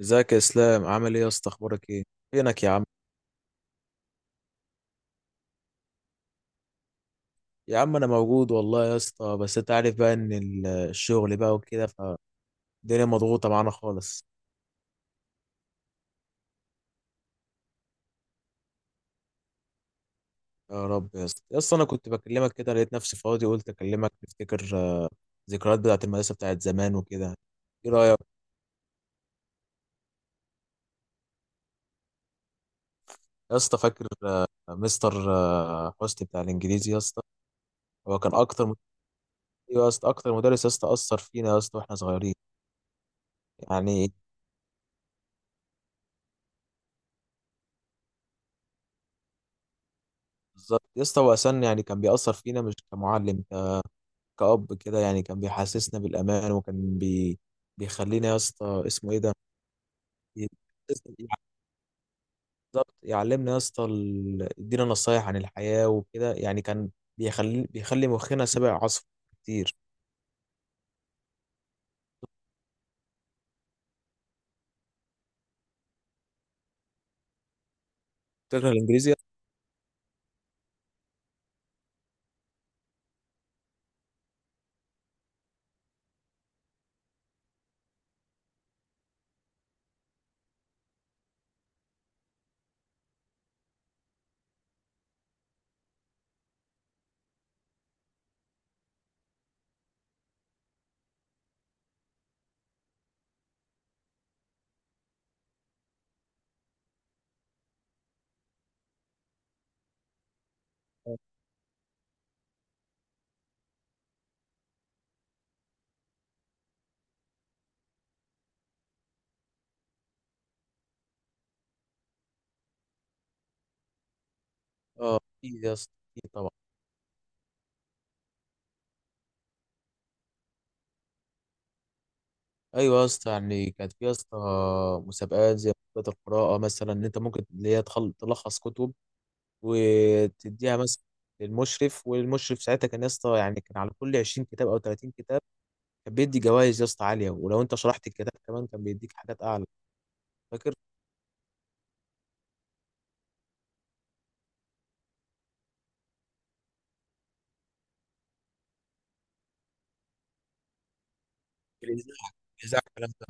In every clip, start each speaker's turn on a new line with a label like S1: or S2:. S1: ازيك يا اسلام؟ عامل ايه يا اسطى؟ اخبارك ايه؟ فينك يا عم؟ يا عم انا موجود والله يا اسطى، بس انت عارف بقى ان الشغل بقى وكده، فالدنيا مضغوطه معانا خالص. يا رب يا اسطى، انا كنت بكلمك كده، لقيت نفسي فاضي قلت اكلمك نفتكر ذكريات بتاعت المدرسه بتاعت زمان وكده. ايه رايك يا اسطى؟ فاكر مستر حسني بتاع الانجليزي يا اسطى؟ هو كان اكتر أيوة يا اسطى، اكتر مدرس يا اسطى اثر فينا يا اسطى واحنا صغيرين. يعني إيه؟ بالظبط يا اسطى، هو أساساً يعني كان بيأثر فينا مش كمعلم، كأب كده يعني، كان بيحسسنا بالأمان وكان بي... بيخلينا يا اسطى اسمه إيه ده. يحسسنا- بالظبط، يعلمنا يا اسطى يدينا نصايح عن الحياة وكده، يعني كان بيخلي مخنا سابق عصره كتير. فاكر الإنجليزي يا اسطى؟ اه، أكيد يا اسطى، أكيد طبعا. أيوه يا اسطى، يعني كانت في يا اسطى مسابقات زي مسابقات القراءة مثلا، إن أنت ممكن اللي هي تلخص كتب وتديها مثلا للمشرف، والمشرف ساعتها كان يا اسطى، يعني كان على كل 20 كتاب أو 30 كتاب كان بيدي جوائز يا اسطى عاليه، ولو انت شرحت الكتاب كمان كان بيديك حاجات اعلى. فاكر في الإذاعة، الإذاعة الكلام ده؟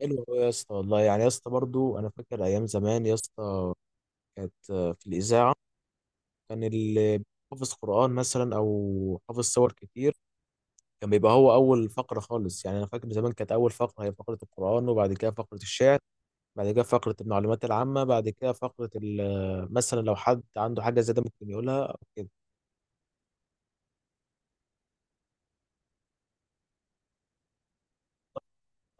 S1: حلو أوي يا اسطى والله، يعني يا اسطى برضو انا فاكر ايام زمان يا اسطى كانت في الاذاعه، كان اللي حافظ قران مثلا او حافظ سور كتير كان بيبقى هو اول فقره خالص. يعني انا فاكر زمان كانت اول فقره هي فقره القران، وبعد كده فقره الشعر، بعد كده فقره المعلومات العامه، بعد كده فقره مثلا لو حد عنده حاجه زياده ممكن يقولها أو كده.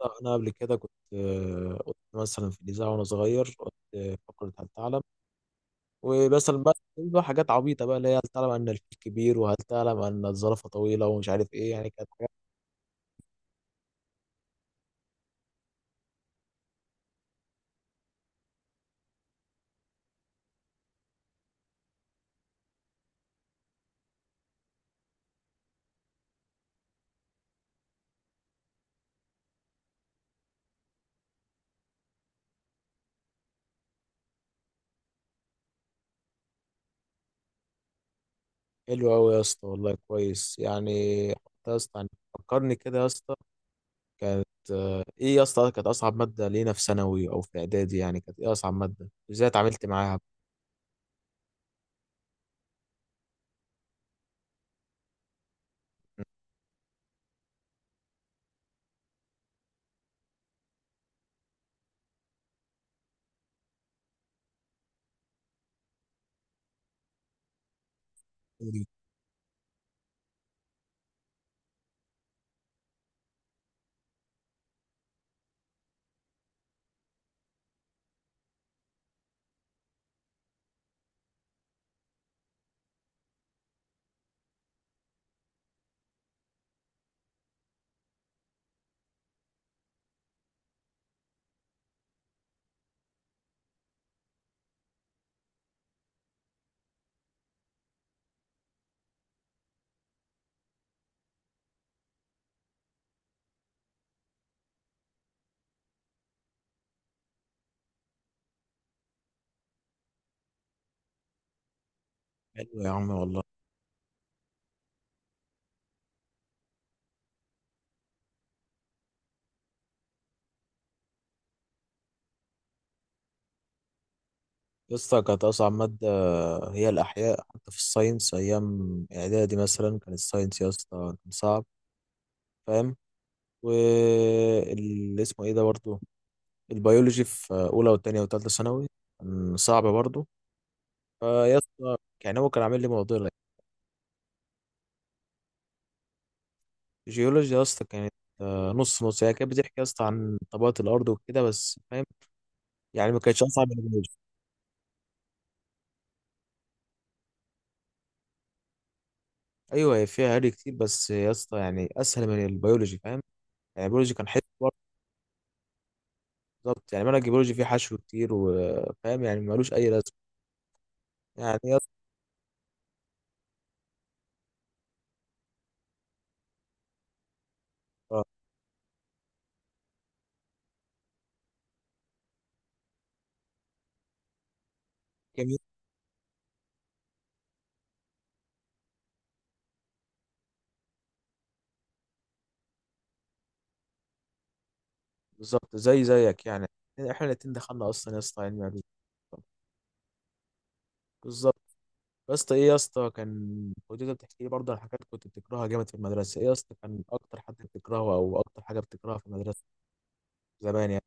S1: لا، أنا قبل كده كنت كنت مثلا في الإذاعة وأنا صغير، كنت فقرة هل تعلم، ومثلا بقى حاجات عبيطة بقى، اللي هي هل تعلم أن الفيل كبير، وهل تعلم أن الزرافة طويلة، ومش عارف إيه، يعني كانت حاجات. حلوة أوي يا اسطى والله، كويس يعني. حتى يا اسطى يعني فكرني كده يا اسطى، كانت إيه يا اسطى كانت أصعب مادة لينا في ثانوي أو في إعدادي؟ يعني كانت إيه أصعب مادة؟ إزاي اتعاملت معاها؟ حلو يا عم والله. لسه كانت أصعب مادة هي الأحياء، حتى في الساينس أيام إعدادي مثلا كان الساينس يا اسطى كان صعب، فاهم؟ واللي اسمه إيه ده برضه، البيولوجي في أولى وتانية وتالتة ثانوي كان صعب برضه، فيا اسطى يعني هو كان عامل لي معضلة. الجيولوجيا يا اسطى كانت نص نص، هي كانت بتحكي يا اسطى عن طبقات الأرض وكده بس، فاهم؟ يعني ما كانتش أصعب من البيولوجي. أيوه، هي فيها هري كتير بس يا اسطى، يعني أسهل من البيولوجي، فاهم؟ يعني البيولوجي كان حلو. بالظبط، يعني منهج الجيولوجي فيه حشو كتير، وفاهم يعني ملوش أي لازمة. يعني يا اسطى كيمياء. بالظبط زي زيك يعني، احنا الاتنين دخلنا أصلا يا اسطى علمي علوم. بالظبط. يا اسطى ايه يا اسطى، كان وجدة بتحكي لي برضه عن حاجات كنت بتكرهها جامد في المدرسة. ايه يا اسطى كان أكتر حد بتكرهه أو أكتر حاجة بتكرهها في المدرسة زمان يعني؟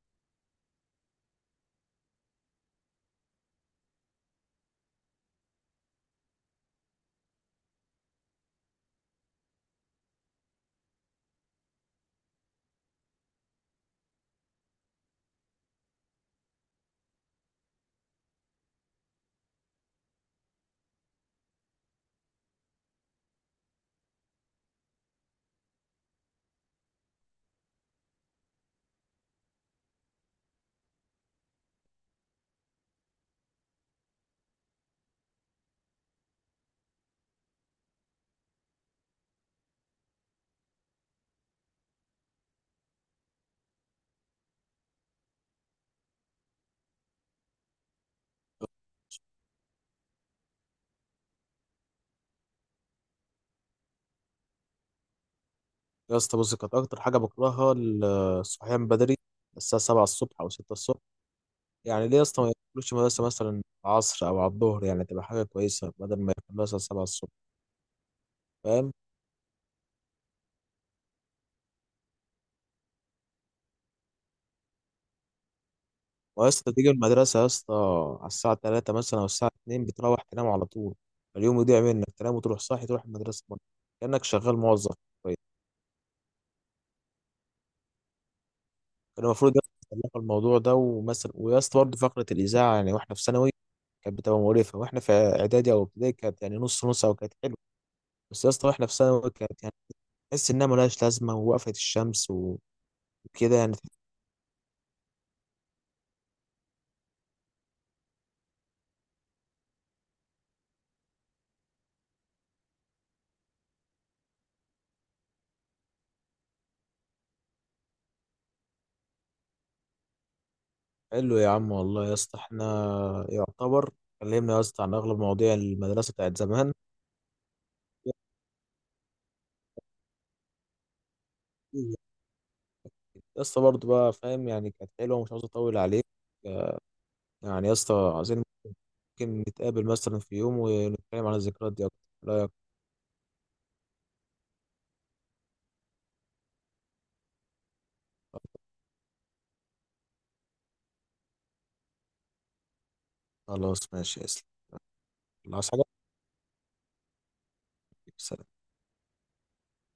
S1: يا اسطى بص، كانت أكتر حاجة بكرهها الصحيان بدري، الساعة 7 الصبح أو 6 الصبح. يعني ليه يا اسطى ما يدخلوش مدرسة مثلا العصر أو على الظهر، يعني تبقى حاجة كويسة بدل ما يكون مثلا 7 الصبح، فاهم؟ ويا اسطى تيجي المدرسة يا اسطى على الساعة 3 مثلا أو الساعة 2 بتروح تنام على طول، اليوم يضيع منك، تنام وتروح صاحي تروح المدرسة مرة. كأنك شغال موظف. كويس. كان المفروض يا اسطى يطلعوا الموضوع ده. ومثلا ويا اسطى برضه فقرة الإذاعة، يعني واحنا في ثانوي كانت بتبقى مقرفة، واحنا في إعدادي أو ابتدائي كانت يعني نص نص أو كانت حلوة، بس يا اسطى واحنا في ثانوي كانت يعني تحس إنها ملهاش لازمة ووقفت الشمس وكده يعني. حلو يا عم والله يا اسطى، احنا يعتبر اتكلمنا يا اسطى عن أغلب مواضيع المدرسة بتاعت زمان. يا اسطى برضه بقى فاهم، يعني كانت حلوه ومش عاوز اطول عليك، آه، يعني يا اسطى عايزين ممكن نتقابل مثلا في يوم ونتكلم عن الذكريات دي اكتر، إيه رأيك؟ خلاص ماشي يا اسلام. الله، عايز حاجه؟ سلام.